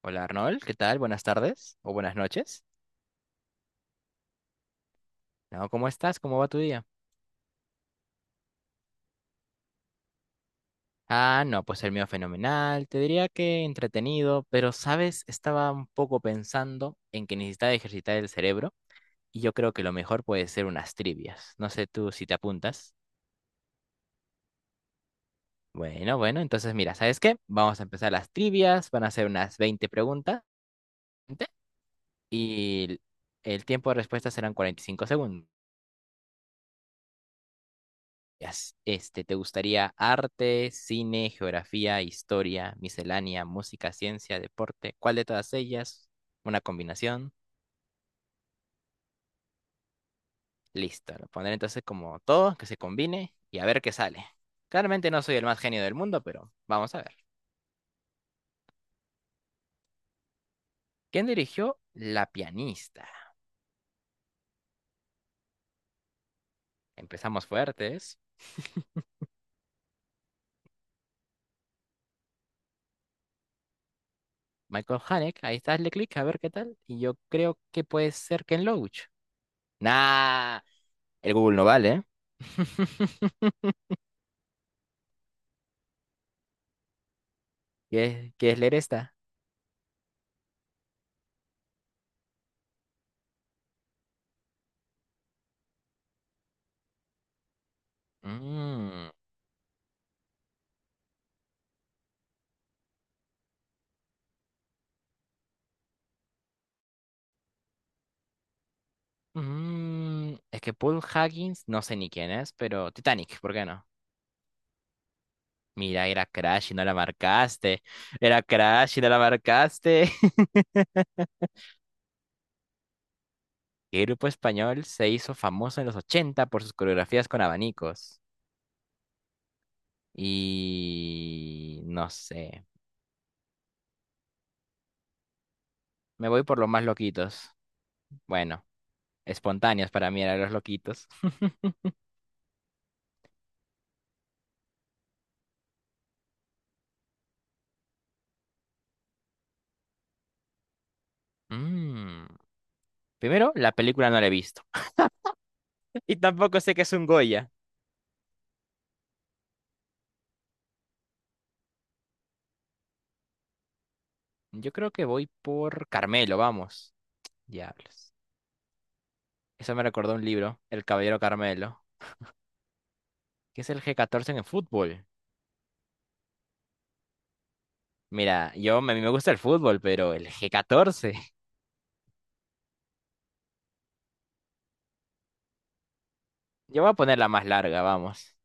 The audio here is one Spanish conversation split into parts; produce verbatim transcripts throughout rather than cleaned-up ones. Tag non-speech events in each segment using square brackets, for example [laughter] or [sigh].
Hola Arnold, ¿qué tal? Buenas tardes o buenas noches. No, ¿cómo estás? ¿Cómo va tu día? Ah, no, pues el mío fenomenal. Te diría que entretenido, pero sabes, estaba un poco pensando en que necesitaba ejercitar el cerebro y yo creo que lo mejor puede ser unas trivias. No sé tú si te apuntas. Bueno, bueno, entonces mira, ¿sabes qué? Vamos a empezar las trivias, van a ser unas veinte preguntas y el el tiempo de respuesta serán cuarenta y cinco segundos. Este, ¿te gustaría arte, cine, geografía, historia, miscelánea, música, ciencia, deporte? ¿Cuál de todas ellas? Una combinación. Listo. Lo pondré entonces como todo, que se combine y a ver qué sale. Claramente no soy el más genio del mundo, pero vamos a ver. ¿Quién dirigió La pianista? Empezamos fuertes. Michael Haneke, ahí está, hazle clic a ver qué tal. Y yo creo que puede ser Ken Loach. Nah, el Google no vale, ¿eh? [laughs] ¿Quieres, quieres leer esta? Mm, mm, es que Paul Huggins, no sé ni quién es, pero Titanic, ¿por qué no? Mira, era Crash y no la marcaste. Era Crash y no la marcaste. [laughs] ¿Qué grupo español se hizo famoso en los ochenta por sus coreografías con abanicos? Y no sé. Me voy por los más loquitos. Bueno, espontáneos para mí eran los loquitos. [laughs] Mm, Primero, la película no la he visto. [laughs] Y tampoco sé que es un Goya. Yo creo que voy por Carmelo, vamos. Diablos. Eso me recordó un libro, El Caballero Carmelo, que es el G catorce en el fútbol. Mira, yo a mí me gusta el fútbol, pero el G catorce. [laughs] Yo voy a poner la más larga, vamos.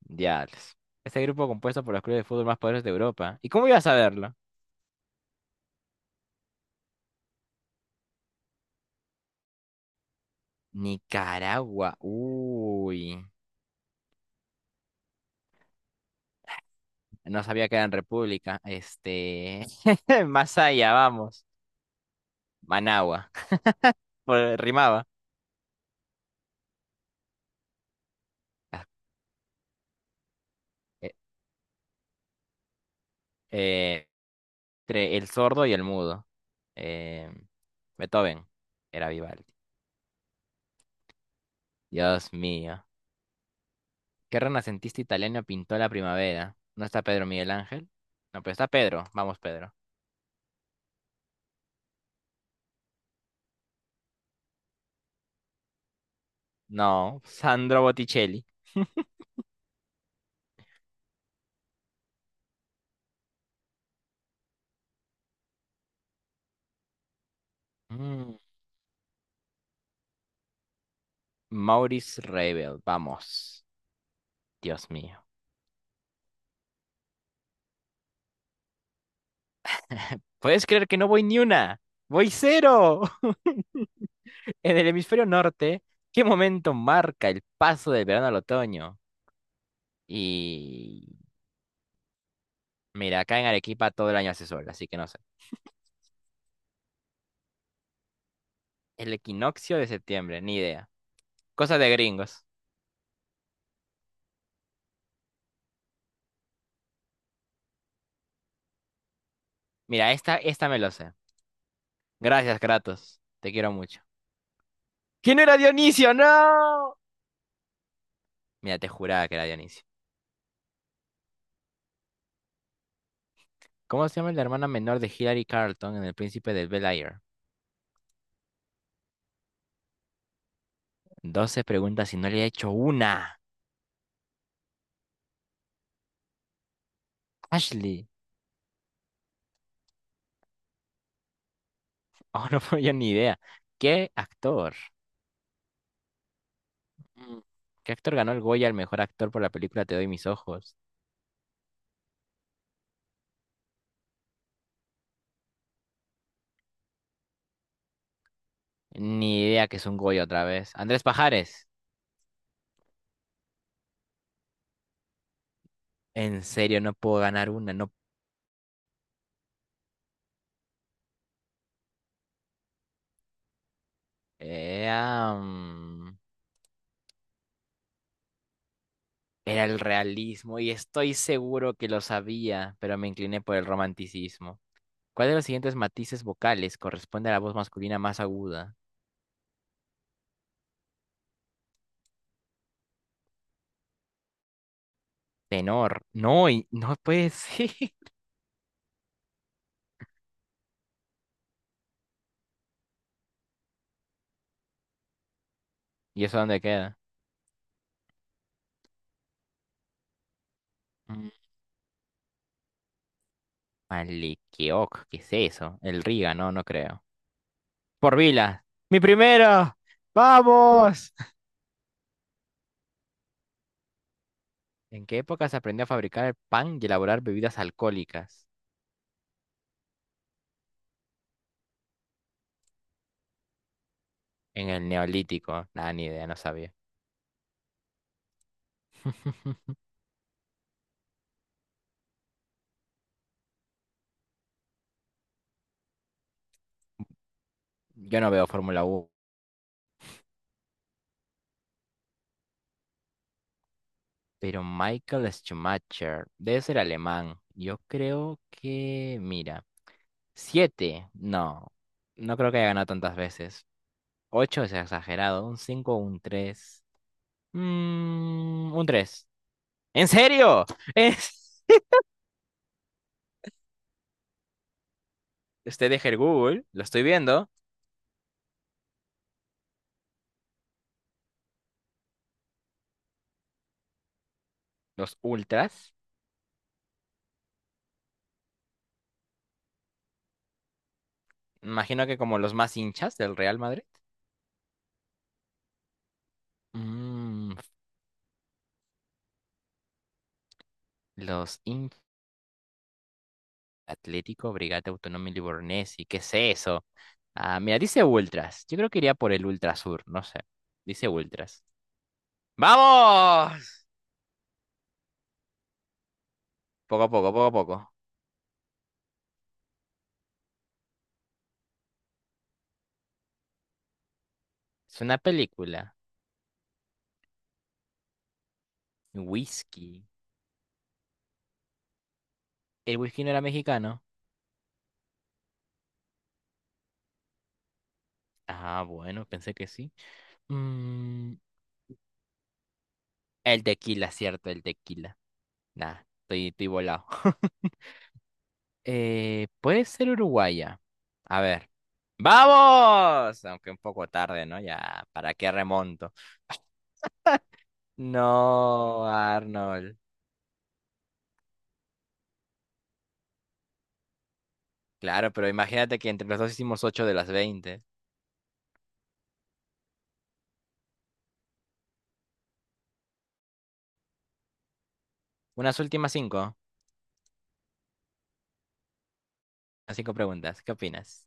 Diablos. Este grupo compuesto por los clubes de fútbol más poderosos de Europa. ¿Y cómo ibas a verlo? Nicaragua. Uy. No sabía que era en República. Este. [laughs] Más allá, vamos. Managua. [laughs] Por- Rimaba. Ah, Eh, eh, entre el sordo y el mudo. Eh, Beethoven era Vivaldi. Dios mío. ¿Qué renacentista italiano pintó la primavera? ¿No está Pedro Miguel Ángel? No, pero está Pedro. Vamos, Pedro. No, Sandro Botticelli. Mm, Maurice Ravel. Vamos. Dios mío. ¿Puedes creer que no voy ni una? ¡Voy cero! [laughs] En el hemisferio norte, ¿qué momento marca el paso del verano al otoño? Y mira, acá en Arequipa todo el año hace sol, así que no sé. El equinoccio de septiembre, ni idea. Cosa de gringos. Mira, esta, esta me lo sé. Gracias, Kratos. Te quiero mucho. ¿Quién era Dionisio? ¡No! Mira, te juraba que era Dionisio. ¿Cómo se llama la hermana menor de Hillary Carlton en El Príncipe del Bel Air? Doce preguntas y no le he hecho una. Ashley. Oh, [laughs] no puedo, yo ni idea. ¿Qué actor? Mm. ¿Qué actor ganó el Goya al mejor actor por la película Te doy mis ojos? Ni idea que es un Goya otra vez. Andrés Pajares. En serio, no puedo ganar una. No Era, mm, era el realismo y estoy seguro que lo sabía, pero me incliné por el romanticismo. ¿Cuál de los siguientes matices vocales corresponde a la voz masculina más aguda? Tenor. No, y no puede ser. [laughs] ¿Y eso dónde queda? Mm, Malequioc, ¿qué es eso? El Riga, no, no creo. Porvila. Mi primero. ¡Vamos! [laughs] ¿En qué época se aprendió a fabricar el pan y elaborar bebidas alcohólicas? En el Neolítico. Nada, ni idea, no sabía. [laughs] Yo no veo Fórmula uno, pero Michael Schumacher debe ser alemán. Yo creo que, mira, siete, no, no creo que haya ganado tantas veces. Ocho es exagerado, un cinco, un tres, mm, un tres. ¿En serio? [laughs] ¿Es... Usted deja el Google, lo estoy viendo, los ultras, imagino que como los más hinchas del Real Madrid. Mm, los Atlético, Brigate Autónoma y Livornesi, ¿qué es eso? Ah, mira, dice Ultras. Yo creo que iría por el Ultrasur, no sé. Dice Ultras. ¡Vamos! Poco a poco, poco a poco. Es una película. Whisky. ¿El whisky no era mexicano? Ah, bueno, pensé que sí. Mm, el tequila, cierto, el tequila. Nah, estoy, estoy volado. [laughs] Eh, puede ser uruguaya. A ver. ¡Vamos! Aunque un poco tarde, ¿no? Ya, ¿para qué remonto? No, Arnold. Claro, pero imagínate que entre los dos hicimos ocho de las veinte. Unas últimas cinco. Las cinco preguntas. ¿Qué opinas?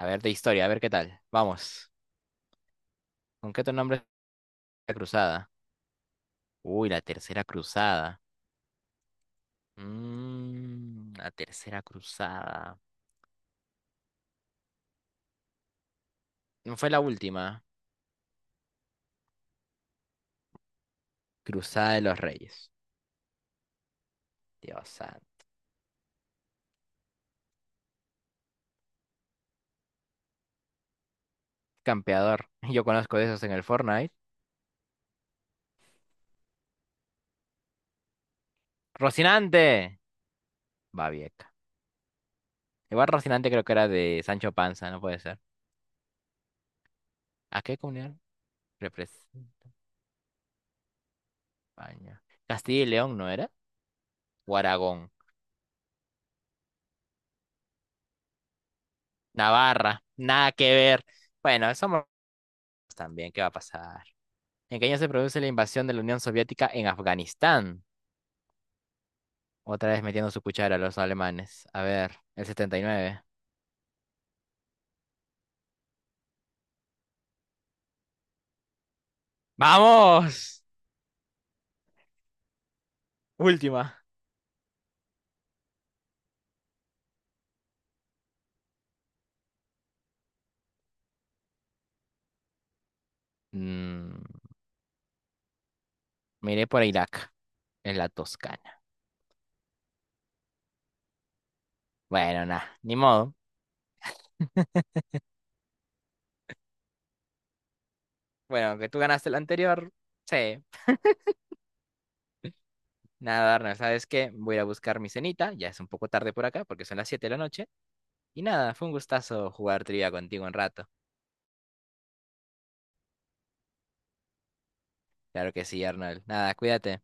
A ver, de historia, a ver qué tal. Vamos. ¿Con qué otro nombre es la cruzada? Uy, la tercera cruzada. Mm, la tercera cruzada. No fue la última. Cruzada de los Reyes. Dios santo. Campeador. [laughs] Yo conozco de esos en el Fortnite. ¡Rocinante! Babieca. Igual Rocinante creo que era de Sancho Panza, no puede ser. ¿A qué comunidad representa? España. Castilla y León, ¿no era? O Aragón. Navarra, nada que ver. Bueno, somos también, ¿qué va a pasar? ¿En qué año se produce la invasión de la Unión Soviética en Afganistán? Otra vez metiendo su cuchara a los alemanes. A ver, el setenta y nueve. ¡Vamos! Última. Mm, miré por Irak, en la Toscana. Bueno, nada, ni modo. Bueno, aunque tú ganaste la anterior, sí. Nada, Arnold, ¿sabes qué? Voy a ir a buscar mi cenita. Ya es un poco tarde por acá porque son las siete de la noche. Y nada, fue un gustazo jugar trivia contigo un rato. Claro que sí, Arnold. Nada, cuídate.